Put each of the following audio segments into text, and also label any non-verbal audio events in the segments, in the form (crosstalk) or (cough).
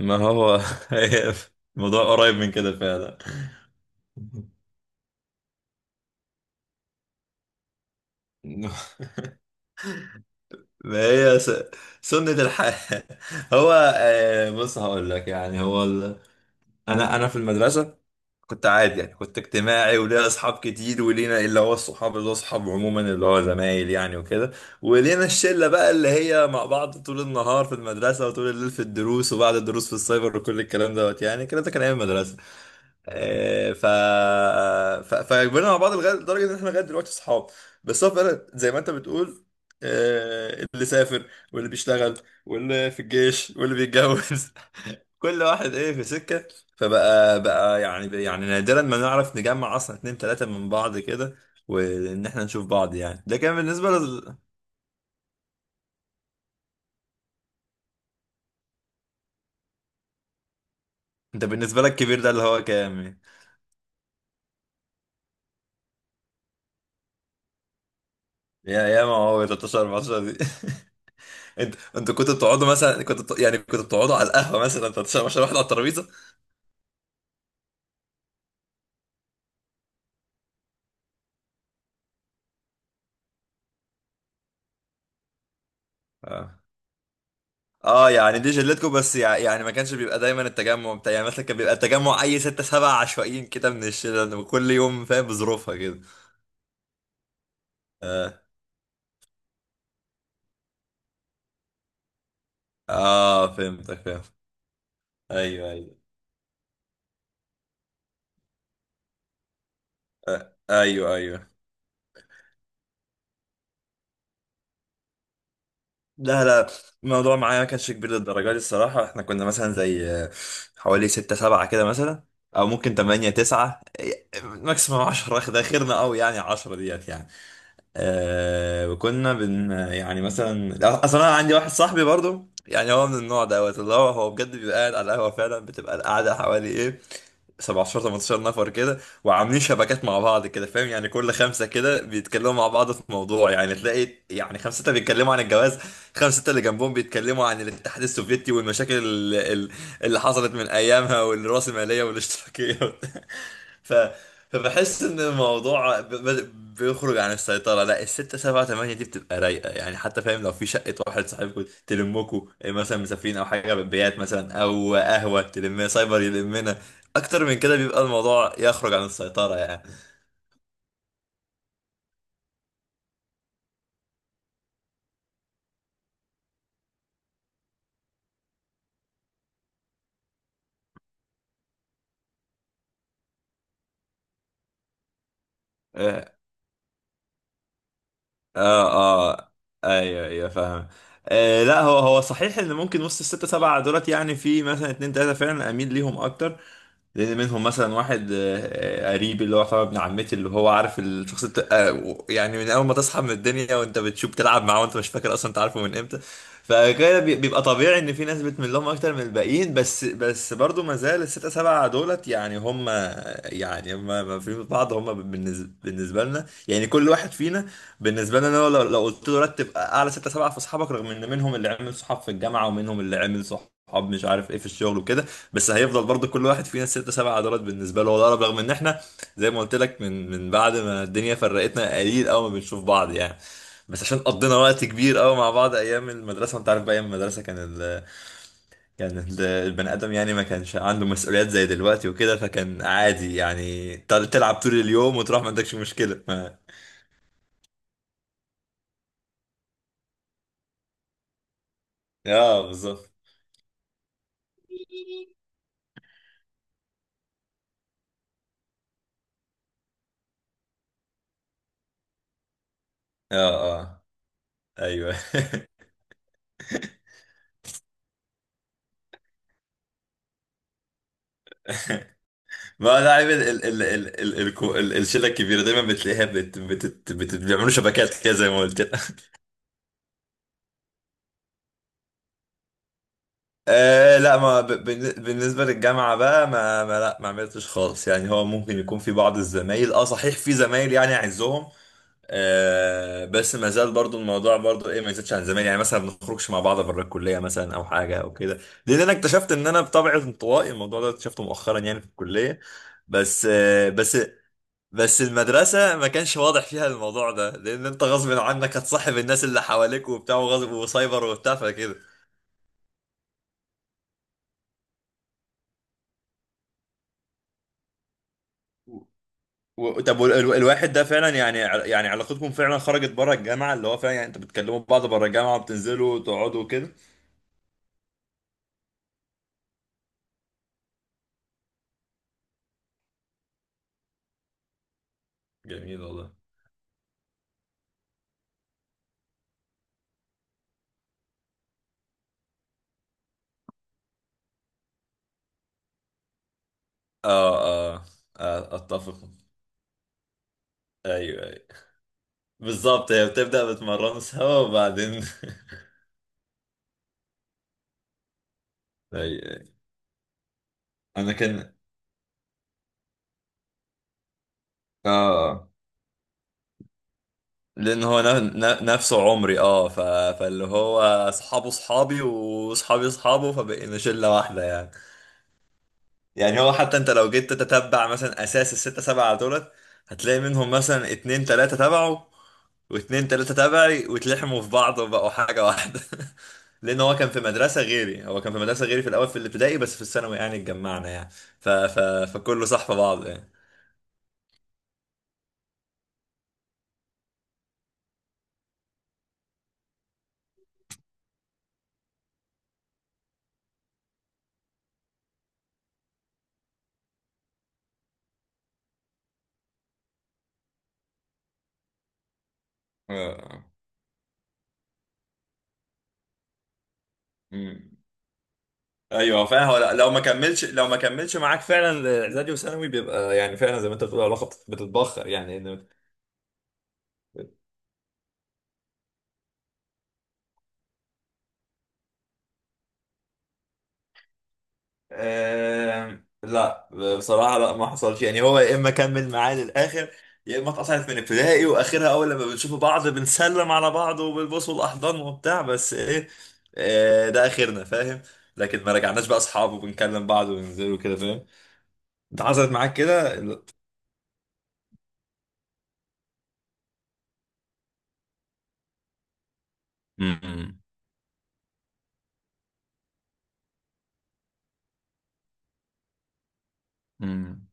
ما هو (laughs) هي الموضوع قريب من كده فعلا. ما هي سنة الحياة. (laughs) هو آه، بص، هقول لك يعني، هو انا في المدرسة كنت عادي، يعني كنت اجتماعي وليا اصحاب كتير، ولينا اللي هو الصحاب، اللي هو اصحاب عموما، اللي هو زمايل يعني وكده. ولينا الشلة بقى اللي هي مع بعض طول النهار في المدرسة، وطول الليل في الدروس، وبعد الدروس في السايبر، وكل الكلام دوت يعني، كده ده كان ايام المدرسة. آه، ف ف فكبرنا مع بعض لغايه، لدرجه ان احنا لغايه دلوقتي اصحاب. بس هو فعلا زي ما انت بتقول. اللي سافر، واللي بيشتغل، واللي في الجيش، واللي بيتجوز. (laughs) كل واحد ايه في سكه. فبقى يعني نادرا ما نعرف نجمع اصلا اتنين تلاته من بعض كده، وان احنا نشوف بعض يعني. ده كان بالنسبه انت بالنسبه لك كبير ده اللي هو كام يعني؟ يا ما هو 13 14 دي. (laughs) انتوا كنتوا بتقعدوا مثلا، يعني كنتوا بتقعدوا على القهوه مثلا 13 عشان واحد على الترابيزه؟ اه، اه، يعني دي جلتكم، بس يعني ما كانش بيبقى دايما التجمع بتاع يعني، مثلا كان بيبقى التجمع اي ستة سبعة عشوائيين كده من الشله كل يوم فاهم، بظروفها كده. اه، اه، فهمتك فاهم. ايوه، ايوه. آه، ايوه، ايوه. لا، لا، الموضوع معايا ما كانش كبير للدرجه دي الصراحه، احنا كنا مثلا زي حوالي ستة سبعة كده مثلا، او ممكن تمانية تسعة، ماكسيموم عشرة، ده خيرنا قوي يعني، عشرة ديت يعني. وكنا بن يعني مثلا اصلا انا عندي واحد صاحبي برضو يعني، هو من النوع دوت، اللي هو بجد بيبقى قاعد على القهوه فعلا، بتبقى القعده حوالي ايه 17 18 نفر كده، وعاملين شبكات مع بعض كده فاهم يعني. كل خمسه كده بيتكلموا مع بعض في موضوع يعني، تلاقي يعني خمسه سته بيتكلموا عن الجواز، خمسه سته اللي جنبهم بيتكلموا عن الاتحاد السوفيتي والمشاكل اللي حصلت من ايامها، والرأسماليه والاشتراكيه. ف... فبحس ان الموضوع بيخرج عن السيطرة. لا، الستة سبعة تمانية دي بتبقى رايقة يعني، حتى فاهم لو في شقة واحد صاحبكم تلمكوا، إيه مثلا، مسافرين او حاجة، بيات مثلا او قهوة تلمنا، سايبر يلمنا. اكتر من كده بيبقى الموضوع يخرج عن السيطرة يعني. اه، اه. آه. ايوه، ايوه، فاهم. آه، لا، هو صحيح ان ممكن وسط الستة سبعة دولت يعني، في مثلا اتنين تلاتة فعلا اميل ليهم اكتر، لان منهم مثلا واحد قريب، اللي هو طبعا ابن عمتي، اللي هو عارف الشخص يعني من اول ما تصحى من الدنيا وانت بتشوف تلعب معاه، وانت مش فاكر اصلا انت عارفه من امتى. بيبقى طبيعي ان في ناس بتميل لهم اكتر من الباقيين، بس برضو ما زال الستة سبعة دولت يعني هم، ما في بعض، هم بالنسبة لنا يعني كل واحد فينا. بالنسبة لنا لو قلت له رتب اعلى ستة سبعة في اصحابك، رغم ان منهم اللي عمل صحاب في الجامعة ومنهم اللي عمل صحاب مش عارف ايه في الشغل وكده، بس هيفضل برضو كل واحد فينا ست سبع عضلات بالنسبه له هو الأقرب، رغم ان احنا زي ما قلت لك من بعد ما الدنيا فرقتنا قليل قوي ما بنشوف بعض يعني، بس عشان قضينا وقت كبير قوي مع بعض ايام المدرسه، وانت عارف بقى ايام المدرسه كان البني ادم يعني ما كانش عنده مسؤوليات زي دلوقتي وكده، فكان عادي يعني تلعب طول اليوم وتروح، ما عندكش مشكله ما... اه بالظبط. اه، اه، ايوه. (laughs) ما انا عارف ال ال ال ال ال الكو- ال الشله الكبيره دايما بتلاقيها بت بت بت بيعملوا شبكات كده زي ما قلت لك. آه، لا، ما ب- بالن- بالنسبه للجامعه بقى، ما, ما لا ما عملتش خالص يعني، هو ممكن يكون في بعض الزمايل، اه صحيح في زمايل يعني اعزهم. آه، بس ما زال برضو الموضوع برضو ايه، ما يزيدش عن زمان يعني، مثلا ما بنخرجش مع بعض بره الكليه مثلا، او حاجه او كده، لان انا اكتشفت ان انا بطبعي انطوائي. الموضوع ده اكتشفته مؤخرا يعني في الكليه، بس آه بس بس المدرسة ما كانش واضح فيها الموضوع ده، لأن أنت غصب عنك هتصاحب الناس اللي حواليك وبتاع، وغصب وسايبر وبتاع فكده. الواحد ده فعلا يعني يعني علاقتكم فعلا خرجت بره الجامعة، اللي هو فعلا يعني انتوا بتكلموا بعض بره الجامعة، وبتنزلوا وتقعدوا وكده. جميل والله. آه، آه, آه، أتفق. أيوه، أيوه. بالظبط، هي بتبدأ بتمرنوا سوا وبعدين (laughs) أيوه، أيوه. أنا كان. آه. آه. لان هو نفسه عمري. اه، فاللي هو اصحابه اصحابي واصحابي اصحابه، فبقينا شله واحده يعني. يعني هو، حتى انت لو جيت تتبع مثلا اساس الستة سبعة دولت، هتلاقي منهم مثلا اتنين تلاتة تبعه، واتنين تلاتة تبعي، واتلحموا في بعض وبقوا حاجة واحدة. (laughs) لان هو كان في مدرسة غيري، في الاول في الابتدائي، بس في الثانوي يعني اتجمعنا يعني. ف... ف... فكله صح في بعض يعني. آه. مم. ايوه، فاهم. هو لو ما كملش، معاك فعلا اعدادي وثانوي، بيبقى يعني فعلا زي ما انت بتقول، العلاقه بتتبخر يعني لا، بصراحه لا ما حصلش يعني، هو يا اما كمل معاه للاخر، يا اما اتقطعت من ابتدائي، واخرها اول لما بنشوف بعض بنسلم على بعض وبالبوس والاحضان وبتاع بس ايه، ده اخرنا فاهم. لكن ما رجعناش بقى اصحاب وبنكلم بعض وننزل وكده فاهم. انت حصلت معاك كده؟ امم. امم.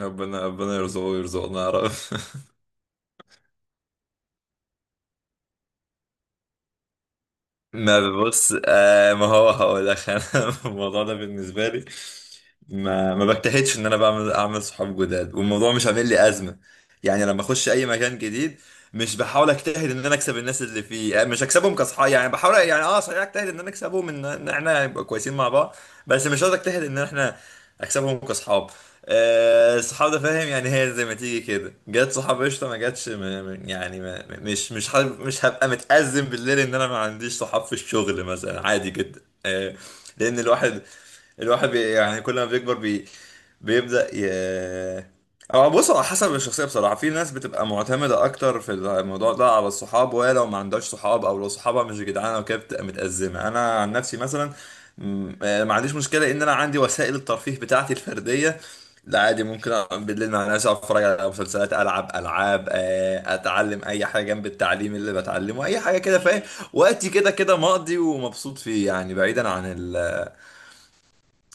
ربنا يرزقه ويرزقنا يا رب. (laughs) ما بص، ما هو هقول لك انا (laughs) الموضوع ده بالنسبه لي، ما بجتهدش ان انا اعمل صحاب جداد، والموضوع مش عامل لي ازمه. يعني لما اخش اي مكان جديد، مش بحاول اجتهد ان انا اكسب الناس اللي فيه يعني، مش اكسبهم كصحاب يعني، بحاول يعني اه صحيح اجتهد ان انا اكسبهم، ان احنا نبقى كويسين مع بعض، بس مش قصدي اجتهد ان احنا اكسبهم كصحاب. الصحاب ده فاهم يعني، هي زي ما تيجي كده، جت صحاب قشطه، ما جاتش، ما- ما- يعني ما مش مش حابب- مش هبقى متأزم بالليل ان انا ما عنديش صحاب في الشغل مثلا، عادي جدا لان الواحد، بي يعني كل ما بيكبر بي بيبدأ ي أو بص، على حسب الشخصية بصراحة، في ناس بتبقى معتمدة أكتر في الموضوع ده على الصحاب، وهي لو ما عندهاش صحاب أو لو صحابها مش جدعانة وكده بتبقى متأزمة. أنا عن نفسي مثلا ما عنديش مشكلة إن أنا عندي وسائل الترفيه بتاعتي الفردية. لا، عادي ممكن أقعد بالليل مع ناس، أقعد اتفرج على مسلسلات، العب العاب، اتعلم اي حاجه جنب التعليم اللي بتعلمه، اي حاجه كده فاهم، وقتي كده كده مقضي ومبسوط فيه يعني، بعيدا عن ال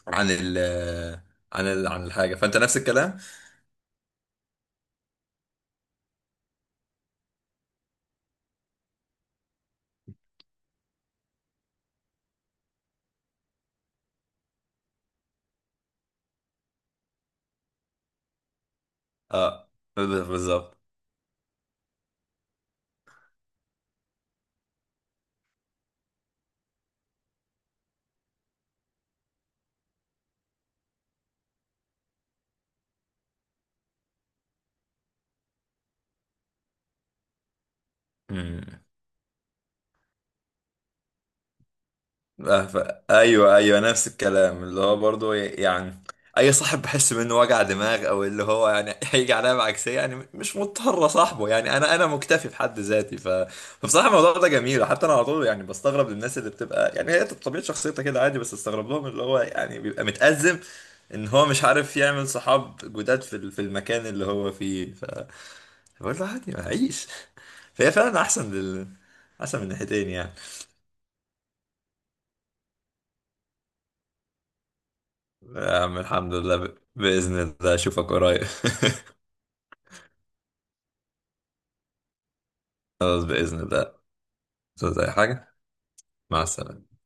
عن ال عن ال عن الحاجة، فأنت نفس الكلام. اه، بالظبط. مم. آه، ف... ايوه، ايوه، نفس الكلام، اللي هو برضو يعني اي صاحب بحس منه وجع دماغ، او اللي هو يعني (laughs) هيجي عليا بعكسيه، يعني مش مضطر صاحبه، يعني انا مكتفي بحد ذاتي. فبصراحه الموضوع ده جميل، حتى انا على طول يعني بستغرب للناس اللي بتبقى يعني هي طبيعه شخصيتها كده عادي، بس استغرب لهم اللي هو يعني بيبقى متأزم، ان هو مش عارف يعمل صحاب جداد في في المكان اللي هو فيه. بقول له عادي هعيش، فهي فعلا احسن احسن من ناحيتين يعني. يا عم الحمد لله، باذن الله اشوفك قريب. (laughs) خلاص باذن الله، زي حاجه، مع السلامه.